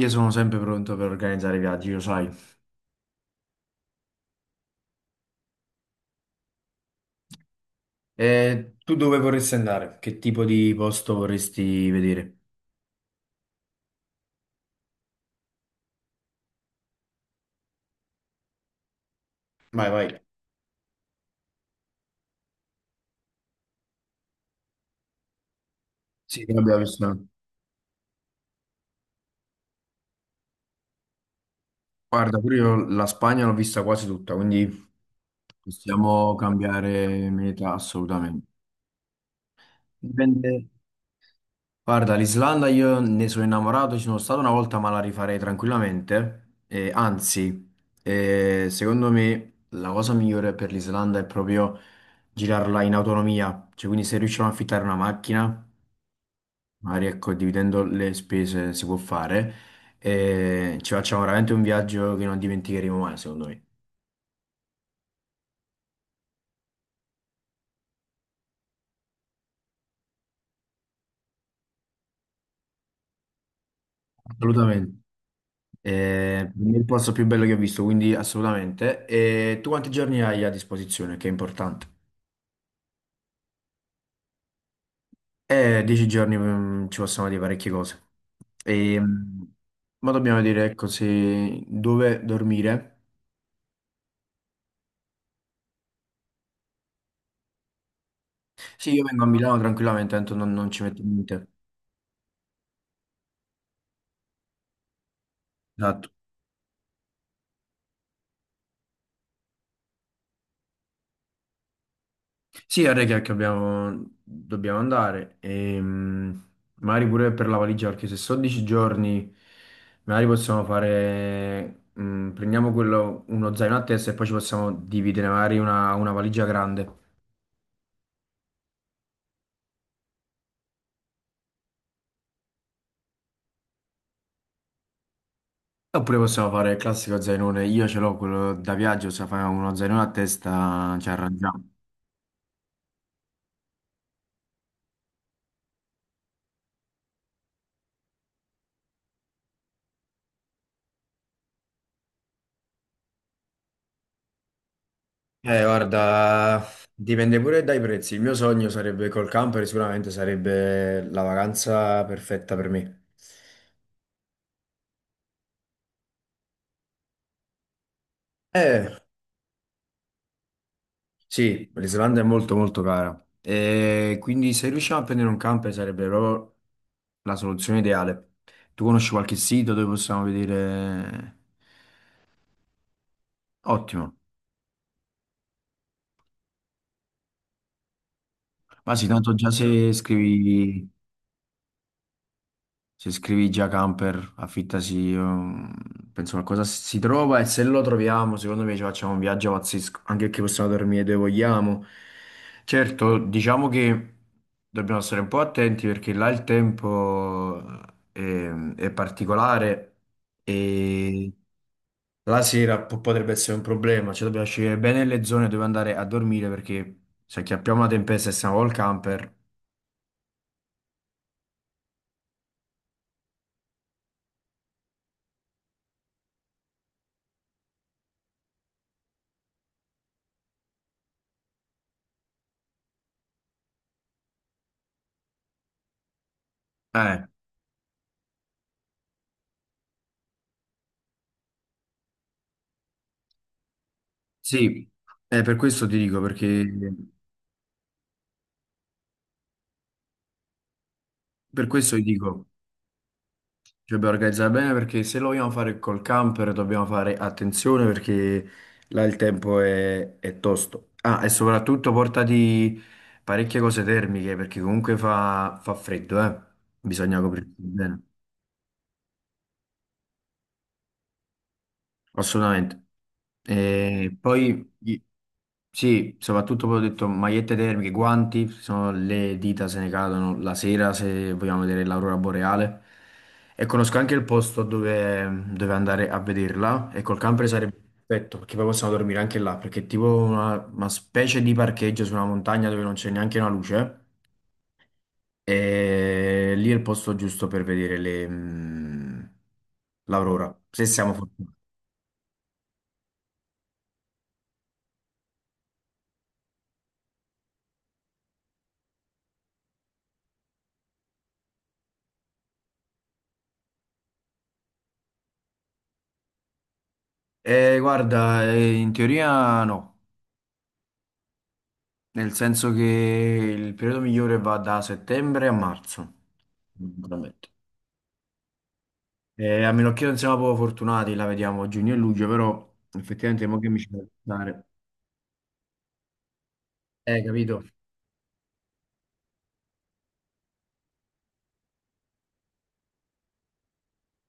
Io sono sempre pronto per organizzare viaggi, lo sai. E tu dove vorresti andare? Che tipo di posto vorresti vedere? Vai, vai. Sì, che abbiamo visto. Guarda, pure io la Spagna l'ho vista quasi tutta, quindi possiamo cambiare meta assolutamente. Dipende. Guarda, l'Islanda io ne sono innamorato, ci sono stato una volta, ma la rifarei tranquillamente. E anzi, secondo me la cosa migliore per l'Islanda è proprio girarla in autonomia, cioè quindi se riusciamo a affittare una macchina. Magari ecco, dividendo le spese si può fare e ci facciamo veramente un viaggio che non dimenticheremo mai, secondo me. Assolutamente. Per me è il posto più bello che ho visto, quindi assolutamente. E tu quanti giorni hai a disposizione? Che è importante. Dieci giorni ci possono dire parecchie cose. E, mm, ma dobbiamo dire, ecco, se dove dormire. Sì, io vengo a Milano tranquillamente, tanto non ci metto niente. Esatto. Sì, ora che abbiamo, dobbiamo andare, magari pure per la valigia, perché se sono 10 giorni, magari possiamo fare, prendiamo quello, uno zaino a testa e poi ci possiamo dividere magari una valigia grande. Oppure possiamo fare il classico zainone, io ce l'ho quello da viaggio, se fai uno zainone a testa ci arrangiamo. Guarda, dipende pure dai prezzi. Il mio sogno sarebbe col camper, sicuramente sarebbe la vacanza perfetta per me. Eh, Sì, l'Islanda è molto molto cara. E quindi se riusciamo a prendere un camper sarebbe proprio la soluzione ideale. Tu conosci qualche sito dove possiamo vedere? Ottimo. Ma sì, tanto già se scrivi. Se scrivi già camper, affittasi, penso qualcosa si trova e se lo troviamo, secondo me ci facciamo un viaggio pazzesco, anche perché possiamo dormire dove vogliamo. Certo, diciamo che dobbiamo stare un po' attenti perché là il tempo è, è particolare e la sera potrebbe essere un problema, cioè dobbiamo scegliere bene le zone dove andare a dormire perché se acchiappiamo una tempesta e siamo col camper, eh, sì, per questo ti dico perché... Per questo vi dico, cioè, dobbiamo organizzare bene perché se lo vogliamo fare col camper dobbiamo fare attenzione perché là il tempo è tosto. Ah, e soprattutto portati parecchie cose termiche perché comunque fa freddo, eh. Bisogna coprirsi bene. Assolutamente. E poi i- sì, soprattutto poi ho detto magliette termiche, guanti, sono le dita se ne cadono la sera se vogliamo vedere l'aurora boreale. E conosco anche il posto dove andare a vederla e col camper sarebbe perfetto perché poi possiamo dormire anche là perché è tipo una specie di parcheggio su una montagna dove non c'è neanche una luce e lì è il posto giusto per vedere l'aurora, se siamo fortunati. Guarda, in teoria no, nel senso che il periodo migliore va da settembre a marzo, veramente. A meno che non siamo proprio fortunati, la vediamo a giugno e luglio, però effettivamente mo che mi ci devo pensare. Capito?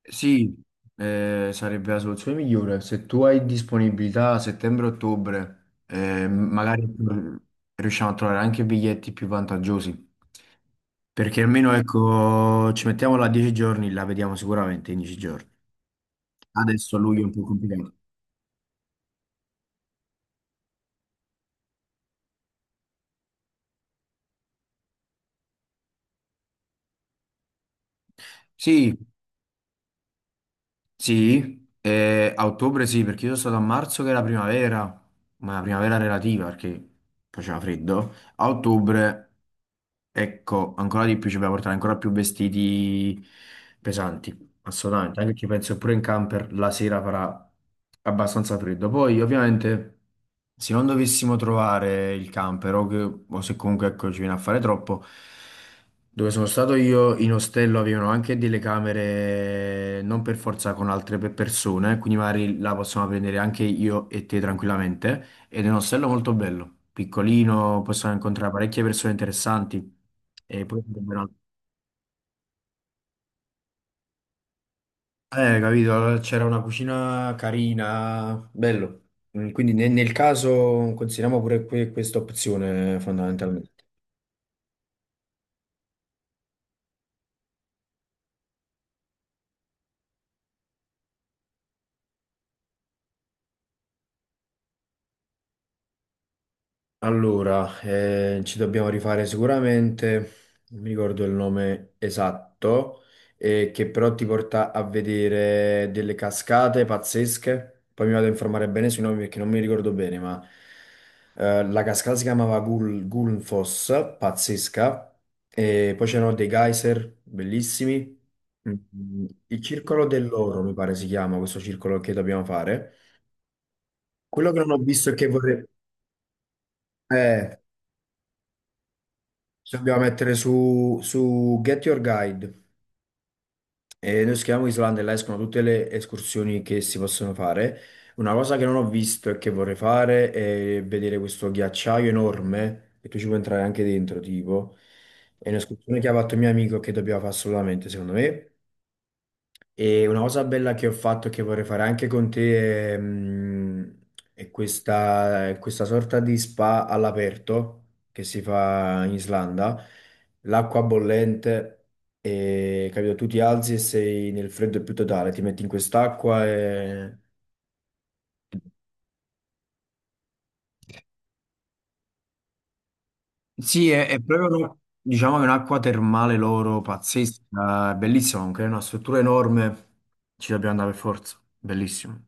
Sì, sarebbe la soluzione migliore. Se tu hai disponibilità a settembre-ottobre, magari riusciamo a trovare anche biglietti più vantaggiosi. Perché almeno ecco, ci mettiamo là 10 giorni, la vediamo sicuramente in 10 giorni. Adesso a luglio è un po' complicato. Sì, sì, a ottobre sì, perché io sono stato a marzo che era primavera, ma la primavera relativa perché faceva freddo. A ottobre, ecco, ancora di più ci dobbiamo portare ancora più vestiti pesanti. Assolutamente, anche perché penso pure in camper la sera farà abbastanza freddo. Poi, ovviamente, se non dovessimo trovare il camper o se comunque ecco, ci viene a fare troppo, dove sono stato io in ostello avevano anche delle camere non per forza con altre persone, quindi magari la possiamo prendere anche io e te tranquillamente. Ed è un ostello molto bello, piccolino, possiamo incontrare parecchie persone interessanti. E poi eh, capito, allora c'era una cucina carina, bello. Mm, quindi caso consideriamo pure questa opzione fondamentalmente. Allora, ci dobbiamo rifare sicuramente, non mi ricordo il nome esatto, che però ti porta a vedere delle cascate pazzesche. Poi mi vado a informare bene sui nomi perché non mi ricordo bene, ma la cascata si chiamava Gul Gulnfoss, pazzesca. E poi c'erano dei geyser bellissimi. Mm, il circolo dell'oro, mi pare si chiama questo circolo che dobbiamo fare. Quello che non ho visto e che vorrei... Ci dobbiamo mettere su Get Your Guide e noi scriviamo Islanda e là escono tutte le escursioni che si possono fare. Una cosa che non ho visto e che vorrei fare è vedere questo ghiacciaio enorme, che tu ci puoi entrare anche dentro, tipo. È un'escursione che ha fatto il mio amico che dobbiamo fare assolutamente, secondo me. E una cosa bella che ho fatto e che vorrei fare anche con te è è questa sorta di spa all'aperto che si fa in Islanda, l'acqua bollente, e, capito? Tu ti alzi e sei nel freddo più totale, ti metti in quest'acqua e... Sì, è proprio una- diciamo che è un'acqua termale loro pazzesca, è bellissima, comunque è una struttura enorme, ci dobbiamo andare per forza, bellissimo.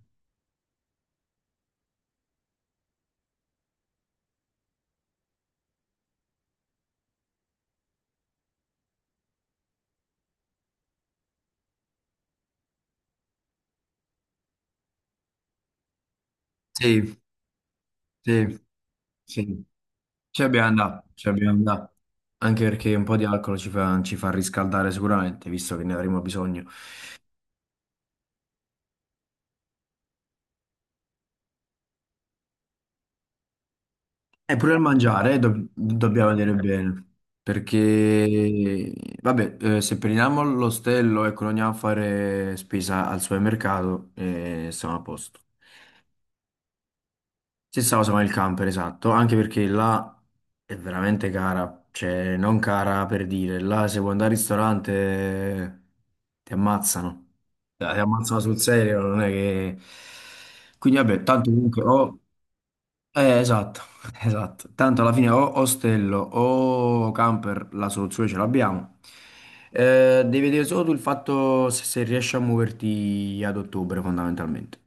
Sì, sì, sì. Ci abbiamo andato, ci abbiamo andato. Anche perché un po' di alcol ci fa riscaldare sicuramente, visto che ne avremo bisogno. E pure il mangiare, dobbiamo vedere bene. Perché, vabbè, se prendiamo l'ostello, ecco, non andiamo a fare spesa al supermercato e siamo a posto. Stessa cosa con il camper, esatto, anche perché là è veramente cara, cioè non cara per dire, là se vuoi andare al ristorante ti ammazzano. Ti dai. Ammazzano sul serio, non è che... Quindi vabbè, tanto comunque o... esatto, esatto, tanto alla fine o ostello o camper la soluzione ce l'abbiamo. Devi vedere solo tu il fatto se riesci a muoverti ad ottobre fondamentalmente.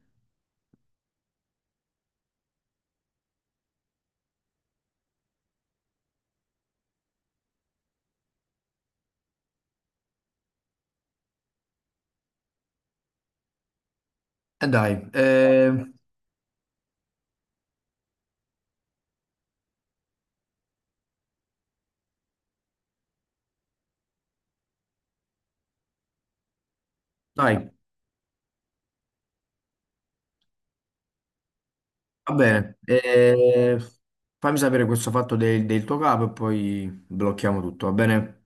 E dai, dai. Va bene, fammi sapere questo fatto del tuo capo e poi blocchiamo tutto, va bene?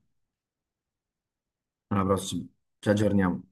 Alla prossima, ci aggiorniamo.